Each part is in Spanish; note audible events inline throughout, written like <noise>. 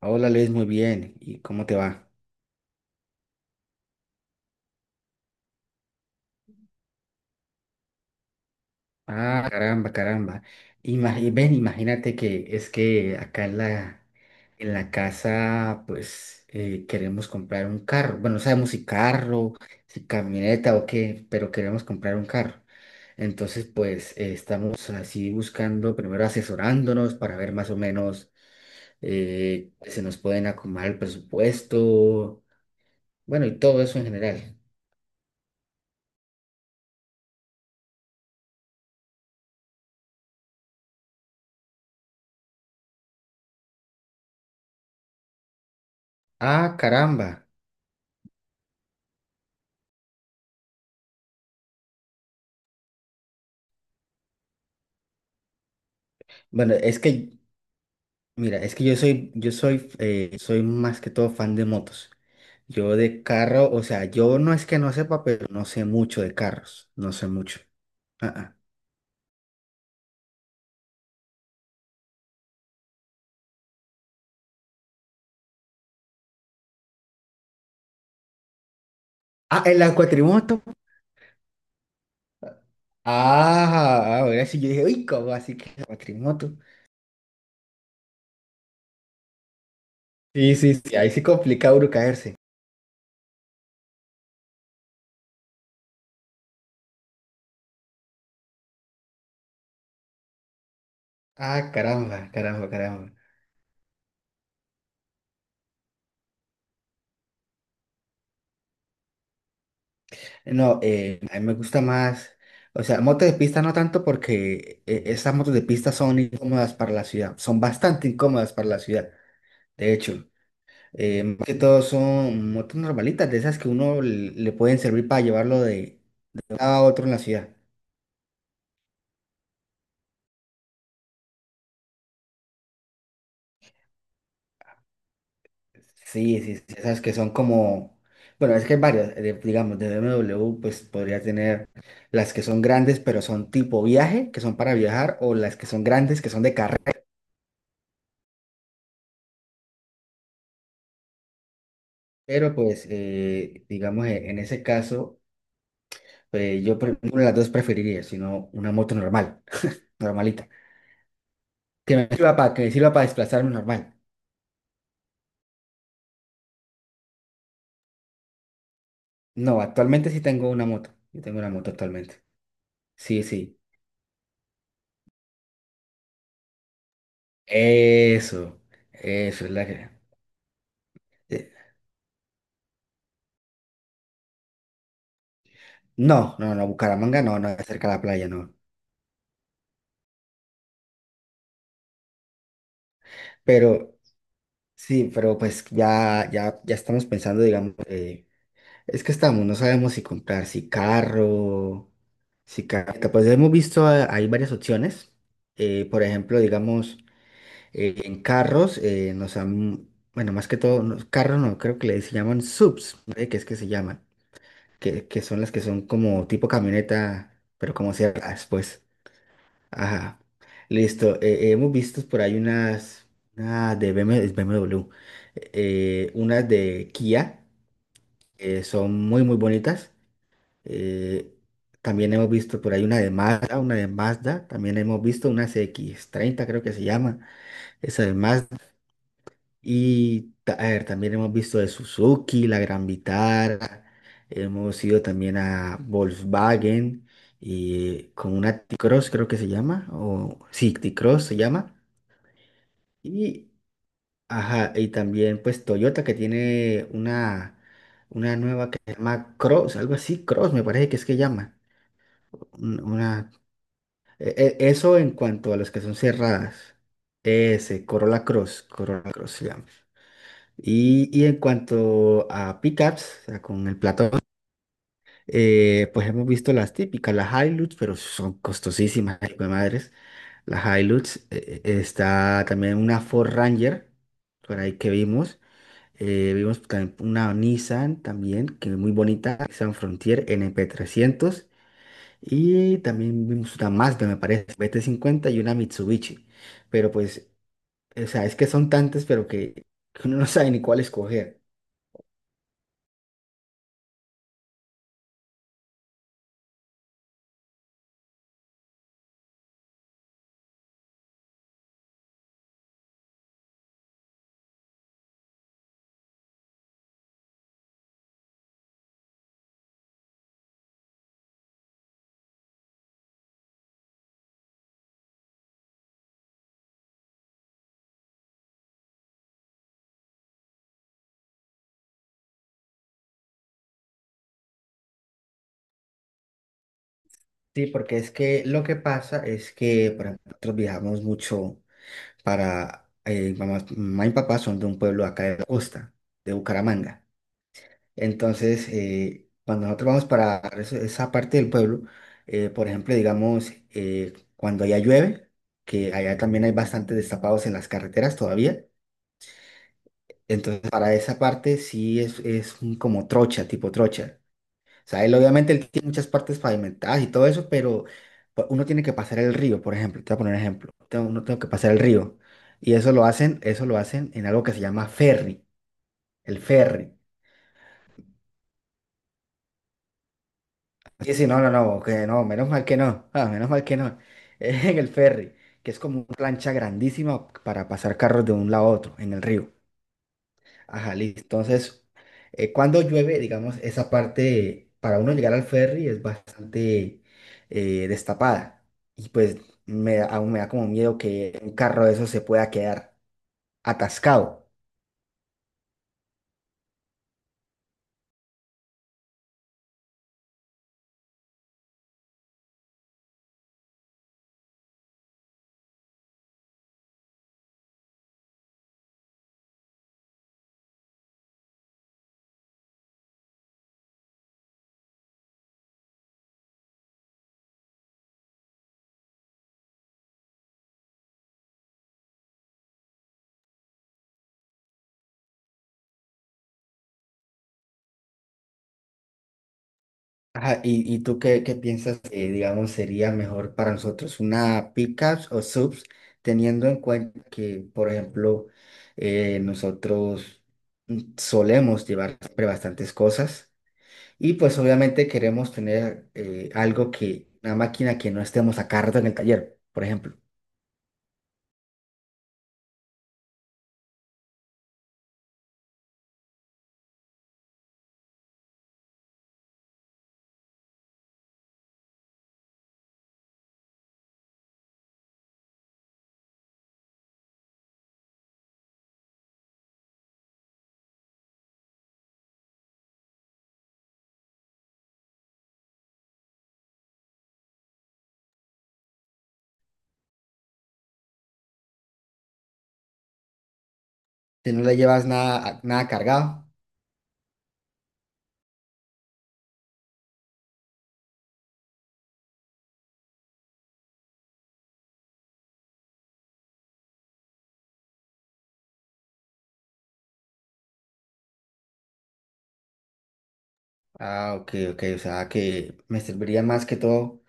Hola, Luis, muy bien. ¿Y cómo te va? Ah, caramba, caramba. Y ven, imagínate que es que acá en en la casa, pues queremos comprar un carro. Bueno, no sabemos si carro, si camioneta o qué, pero queremos comprar un carro. Entonces, pues estamos así buscando, primero asesorándonos para ver más o menos se nos pueden acomodar el presupuesto, bueno, y todo eso en general. Ah, caramba. Bueno, es que mira, es que yo soy soy más que todo fan de motos. Yo de carro, o sea, yo no es que no sepa, pero no sé mucho de carros, no sé mucho. Ah, ah. Ah, en la cuatrimoto. Ah, ahora sí, yo dije, uy, ¿cómo así que la cuatrimoto? Sí, sí, sí, ahí sí complica uno caerse. Ah, caramba, caramba, caramba. No, a mí me gusta más, o sea, motos de pista no tanto porque esas motos de pista son incómodas para la ciudad, son bastante incómodas para la ciudad, de hecho. Más que todo son motos normalitas, de esas que le pueden servir para llevarlo de un lado a otro en la ciudad. Sí, sí, sí, esas que son como, bueno, es que hay varias, digamos, de BMW, pues podría tener las que son grandes, pero son tipo viaje, que son para viajar, o las que son grandes, que son de carrera. Pero pues, digamos, en ese caso, pues, ninguna de las dos preferiría, sino una moto normal, normalita, que que me sirva para desplazarme normal. No, actualmente sí tengo una moto. Yo tengo una moto actualmente. Sí, sí. Eso. Eso es la que. eh, No, no, no, Bucaramanga no, no, es cerca de la playa, no. Pero sí, pero pues ya estamos pensando, digamos, es que estamos, no sabemos si comprar, si carro, si carro. Pues hemos visto, hay varias opciones. Por ejemplo, digamos, en carros nos han, bueno, más que todo, no, carros no, creo que le se llaman subs, ¿no? ¿Qué es que se llaman? Que son las que son como tipo camioneta, pero como ciertas, pues. Ajá. Listo. Hemos visto por ahí unas, Una de BMW, es BMW, unas de Kia, que son muy, muy bonitas. Eh, también hemos visto por ahí una de Mazda, una de Mazda. También hemos visto una CX-30 creo que se llama. Esa de Mazda. Y a ver, también hemos visto de Suzuki, la Gran Vitara, hemos ido también a Volkswagen y con una T-Cross creo que se llama, o sí, T-Cross se llama. Y, ajá, y también pues Toyota que tiene una nueva que se llama Cross, algo así, Cross me parece que es que llama. Un- Una, e- Eso en cuanto a las que son cerradas. Ese, Corolla Cross, Corolla Cross se llama. Y en cuanto a pickups, o sea, con el platón, pues hemos visto las típicas, las Hilux, pero son costosísimas, <laughs> hijo de madres. Las Hilux, está también una Ford Ranger, por ahí que vimos. Vimos también una Nissan también, que es muy bonita, Nissan Frontier NP300. Y también vimos una Mazda, me parece, BT-50 y una Mitsubishi. Pero pues, o sea, es que son tantas, pero que uno no sabe ni cuál escoger. Sí, porque es que lo que pasa es que, por ejemplo, nosotros viajamos mucho para, mamá y papá son de un pueblo acá de la costa, de Bucaramanga. Entonces, cuando nosotros vamos para esa parte del pueblo, por ejemplo, digamos, cuando allá llueve, que allá también hay bastantes destapados en las carreteras todavía, entonces para esa parte sí es un como trocha, tipo trocha. O sea, él obviamente él tiene muchas partes pavimentadas y todo eso, pero uno tiene que pasar el río, por ejemplo. Te voy a poner un ejemplo. Uno tengo que pasar el río. Y eso lo hacen en algo que se llama ferry, el ferry. Y sí, no, no, no, que no, menos mal que no, <laughs> ah, menos mal que no. <laughs> En el ferry, que es como una plancha grandísima para pasar carros de un lado a otro en el río. Ajá, listo. Entonces, cuando llueve, digamos, esa parte para uno llegar al ferry es bastante destapada. Y pues aún me da como miedo que un carro de esos se pueda quedar atascado. Ajá, y tú qué, qué piensas que, digamos, sería mejor para nosotros, una pickups o subs, teniendo en cuenta que, por ejemplo, nosotros solemos llevar siempre bastantes cosas? Y pues obviamente queremos tener algo que, una máquina que no estemos a cargo en el taller, por ejemplo. Si no le llevas nada, nada cargado, ah, ok, ok, o sea que me serviría más que todo,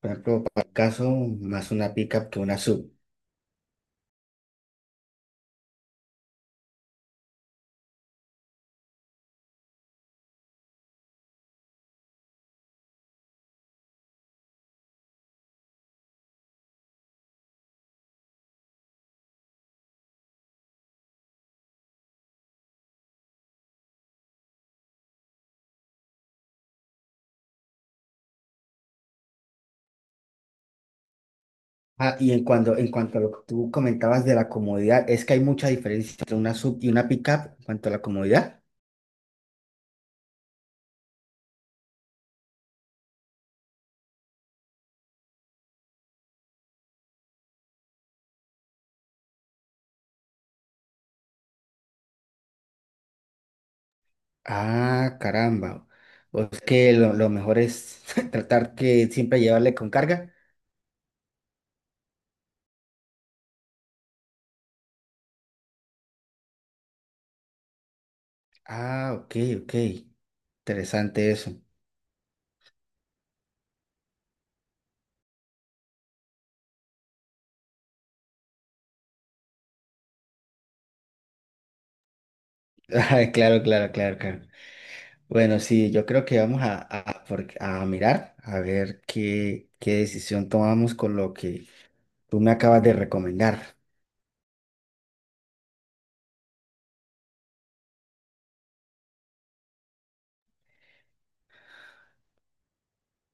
por ejemplo, para el caso, más una pickup que una sub. Ah, y en cuanto a lo que tú comentabas de la comodidad, es que hay mucha diferencia entre una sub y una pickup en cuanto a la comodidad. Ah, caramba. O es que lo mejor es <laughs> tratar que siempre llevarle con carga. Ah, ok, ok. Interesante eso. <laughs> Ay, claro, claro, claro, claro. Bueno, sí, yo creo que vamos a mirar a ver qué, qué decisión tomamos con lo que tú me acabas de recomendar.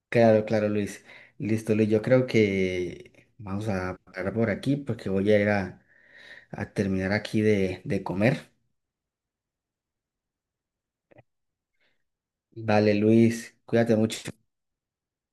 Claro, claro, Luis. Listo, Luis. Yo creo que vamos a parar por aquí porque voy a ir a terminar aquí de comer. Vale, Luis, cuídate mucho.